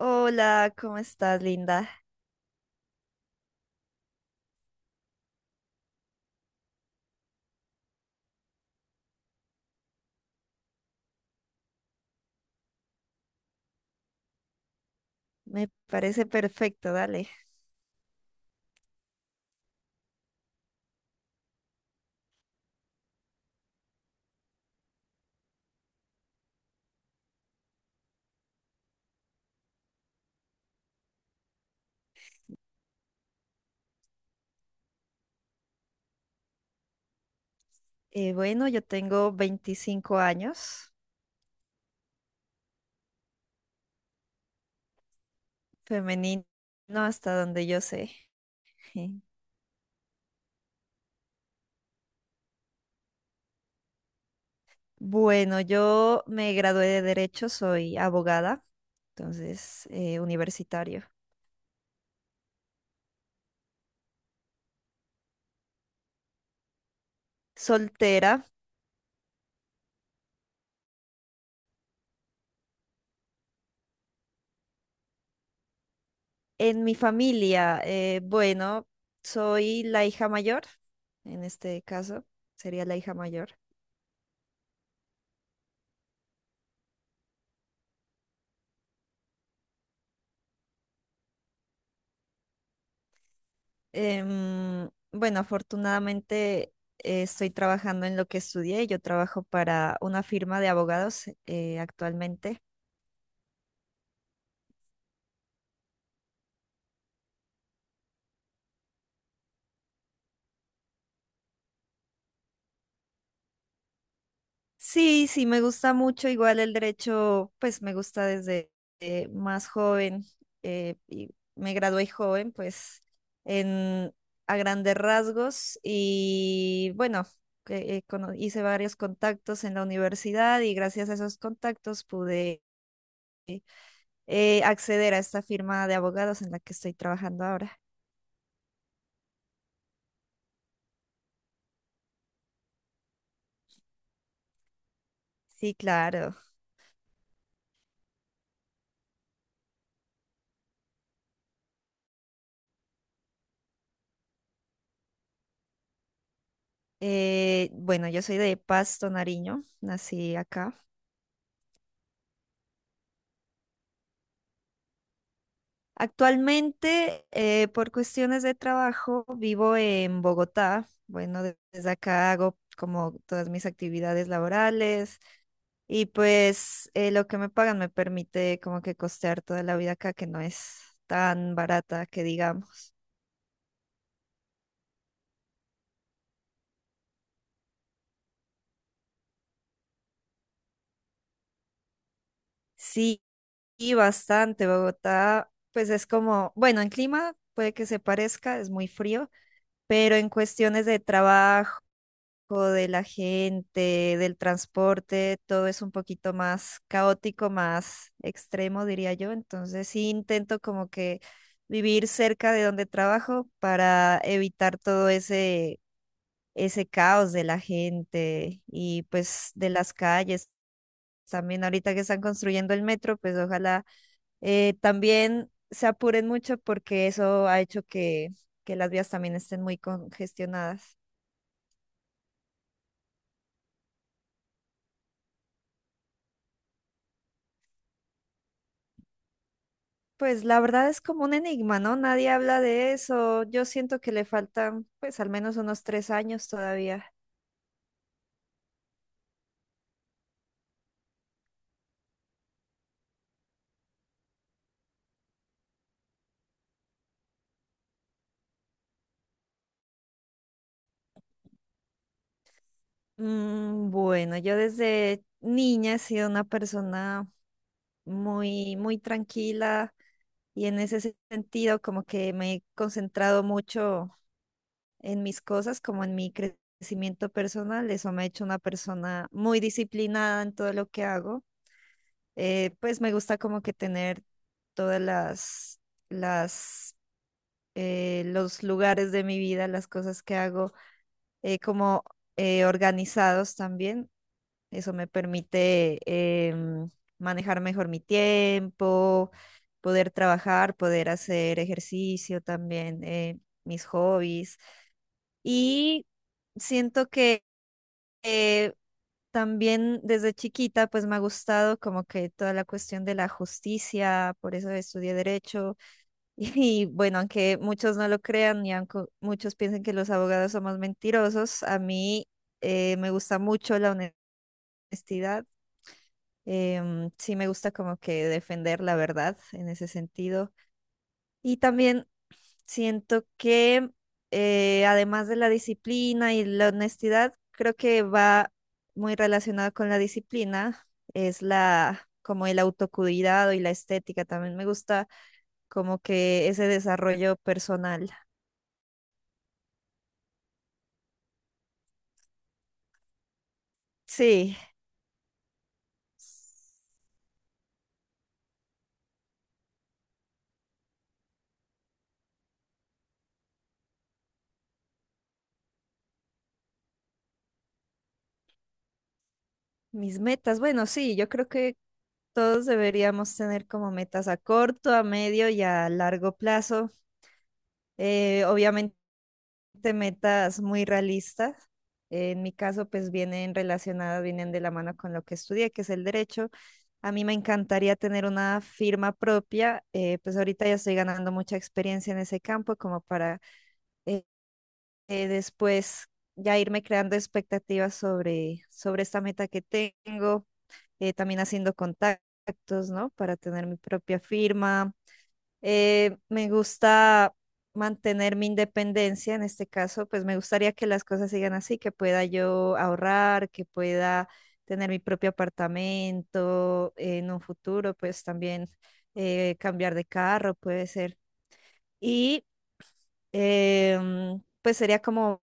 Hola, ¿cómo estás, linda? Me parece perfecto, dale. Bueno, yo tengo 25 años, femenino hasta donde yo sé. Bueno, yo me gradué de Derecho, soy abogada, entonces universitario. Soltera. En mi familia, bueno, soy la hija mayor, en este caso, sería la hija mayor. Bueno, afortunadamente estoy trabajando en lo que estudié. Yo trabajo para una firma de abogados actualmente. Sí, sí, me gusta mucho. Igual el derecho, pues me gusta desde más joven. Y me gradué joven, pues en, a grandes rasgos. Y bueno, hice varios contactos en la universidad y gracias a esos contactos pude... acceder a esta firma de abogados en la que estoy trabajando ahora. Sí, claro. Bueno, yo soy de Pasto, Nariño, nací acá. Actualmente, por cuestiones de trabajo, vivo en Bogotá. Bueno, desde acá hago como todas mis actividades laborales y pues lo que me pagan me permite como que costear toda la vida acá, que no es tan barata que digamos. Sí, y bastante. Bogotá, pues es como, bueno, en clima puede que se parezca, es muy frío, pero en cuestiones de trabajo, de la gente, del transporte, todo es un poquito más caótico, más extremo, diría yo. Entonces sí intento como que vivir cerca de donde trabajo para evitar todo ese caos de la gente y pues de las calles. También ahorita que están construyendo el metro, pues ojalá también se apuren mucho porque eso ha hecho que las vías también estén muy congestionadas. Pues la verdad es como un enigma, ¿no? Nadie habla de eso. Yo siento que le faltan pues al menos unos 3 años todavía. Bueno, yo desde niña he sido una persona muy, muy tranquila y en ese sentido como que me he concentrado mucho en mis cosas como en mi crecimiento personal. Eso me ha hecho una persona muy disciplinada en todo lo que hago. Pues me gusta como que tener todas las, las, los lugares de mi vida, las cosas que hago, como organizados también. Eso me permite manejar mejor mi tiempo, poder trabajar, poder hacer ejercicio también, mis hobbies. Y siento que eh, también desde chiquita pues me ha gustado como que toda la cuestión de la justicia, por eso estudié derecho y, bueno, aunque muchos no lo crean y aunque muchos piensen que los abogados somos mentirosos, a mí me gusta mucho la honestidad, sí me gusta como que defender la verdad en ese sentido. Y también siento que además de la disciplina y la honestidad, creo que va muy relacionado con la disciplina, es la como el autocuidado y la estética. También me gusta como que ese desarrollo personal. Sí, mis metas. Bueno, sí, yo creo que todos deberíamos tener como metas a corto, a medio y a largo plazo. Obviamente de metas muy realistas. En mi caso, pues vienen relacionadas, vienen de la mano con lo que estudié, que es el derecho. A mí me encantaría tener una firma propia, pues ahorita ya estoy ganando mucha experiencia en ese campo como para eh, después ya irme creando expectativas sobre esta meta que tengo, también haciendo contactos, ¿no? Para tener mi propia firma me gusta mantener mi independencia, en este caso, pues me gustaría que las cosas sigan así, que pueda yo ahorrar, que pueda tener mi propio apartamento en un futuro, pues también cambiar de carro puede ser. Y pues sería como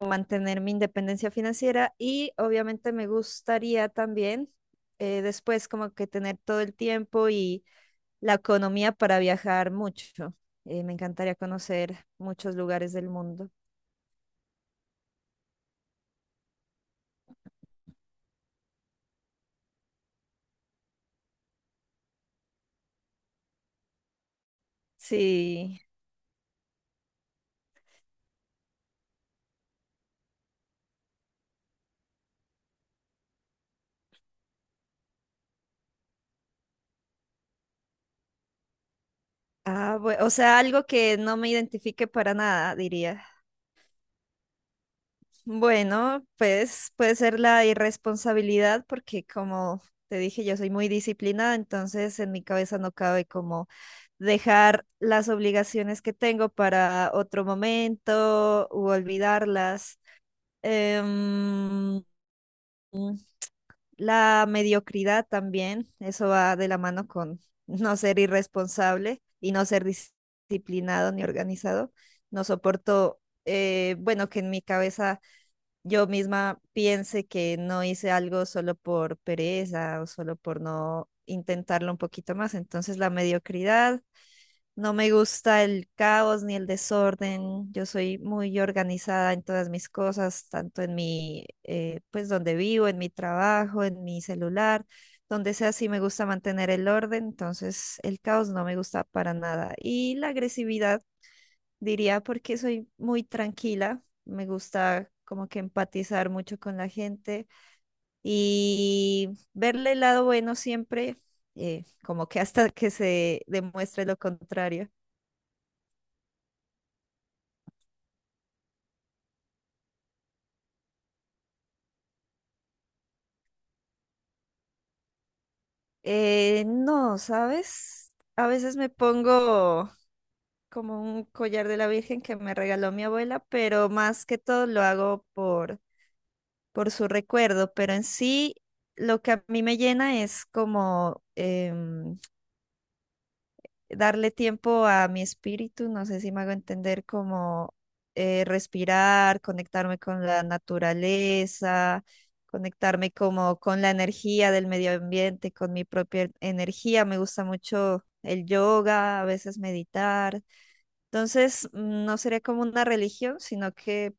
mantener mi independencia financiera y obviamente me gustaría también después como que tener todo el tiempo y la economía para viajar mucho. Me encantaría conocer muchos lugares del mundo. Sí. Ah, o sea, algo que no me identifique para nada, diría. Bueno, pues puede ser la irresponsabilidad porque como te dije, yo soy muy disciplinada, entonces en mi cabeza no cabe como dejar las obligaciones que tengo para otro momento u olvidarlas. Em, la mediocridad también, eso va de la mano con no ser irresponsable y no ser disciplinado ni organizado. No soporto, bueno, que en mi cabeza yo misma piense que no hice algo solo por pereza o solo por no intentarlo un poquito más. Entonces la mediocridad, no me gusta el caos ni el desorden. Yo soy muy organizada en todas mis cosas, tanto en pues donde vivo, en mi trabajo, en mi celular. Donde sea, sí me gusta mantener el orden, entonces el caos no me gusta para nada. Y la agresividad diría porque soy muy tranquila, me gusta como que empatizar mucho con la gente y verle el lado bueno siempre, como que hasta que se demuestre lo contrario. No, ¿sabes? A veces me pongo como un collar de la Virgen que me regaló mi abuela, pero más que todo lo hago por su recuerdo, pero en sí lo que a mí me llena es como darle tiempo a mi espíritu, no sé si me hago entender como respirar, conectarme con la naturaleza, conectarme como con la energía del medio ambiente, con mi propia energía. Me gusta mucho el yoga, a veces meditar. Entonces, no sería como una religión, sino que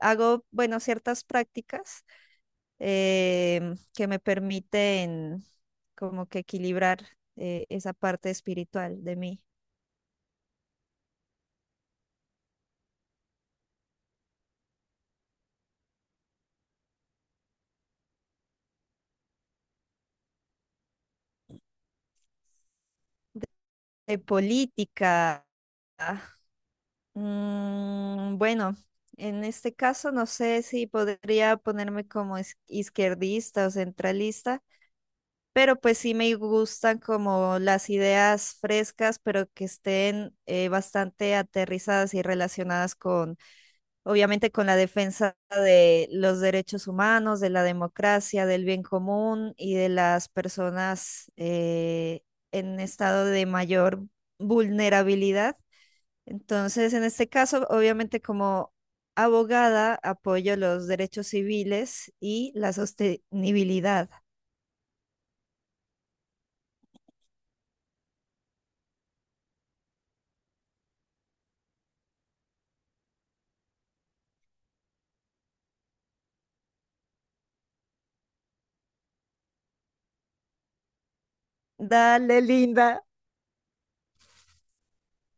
hago, bueno, ciertas prácticas que me permiten como que equilibrar esa parte espiritual de mí. Política. ah, bueno, en este caso no sé si podría ponerme como izquierdista o centralista. Pero pues sí me gustan como las ideas frescas, pero que estén bastante aterrizadas y relacionadas con, obviamente, con la defensa de los derechos humanos, de la democracia, del bien común y de las personas en estado de mayor vulnerabilidad. Entonces, en este caso, obviamente, como abogada, apoyo los derechos civiles y la sostenibilidad. Dale, linda.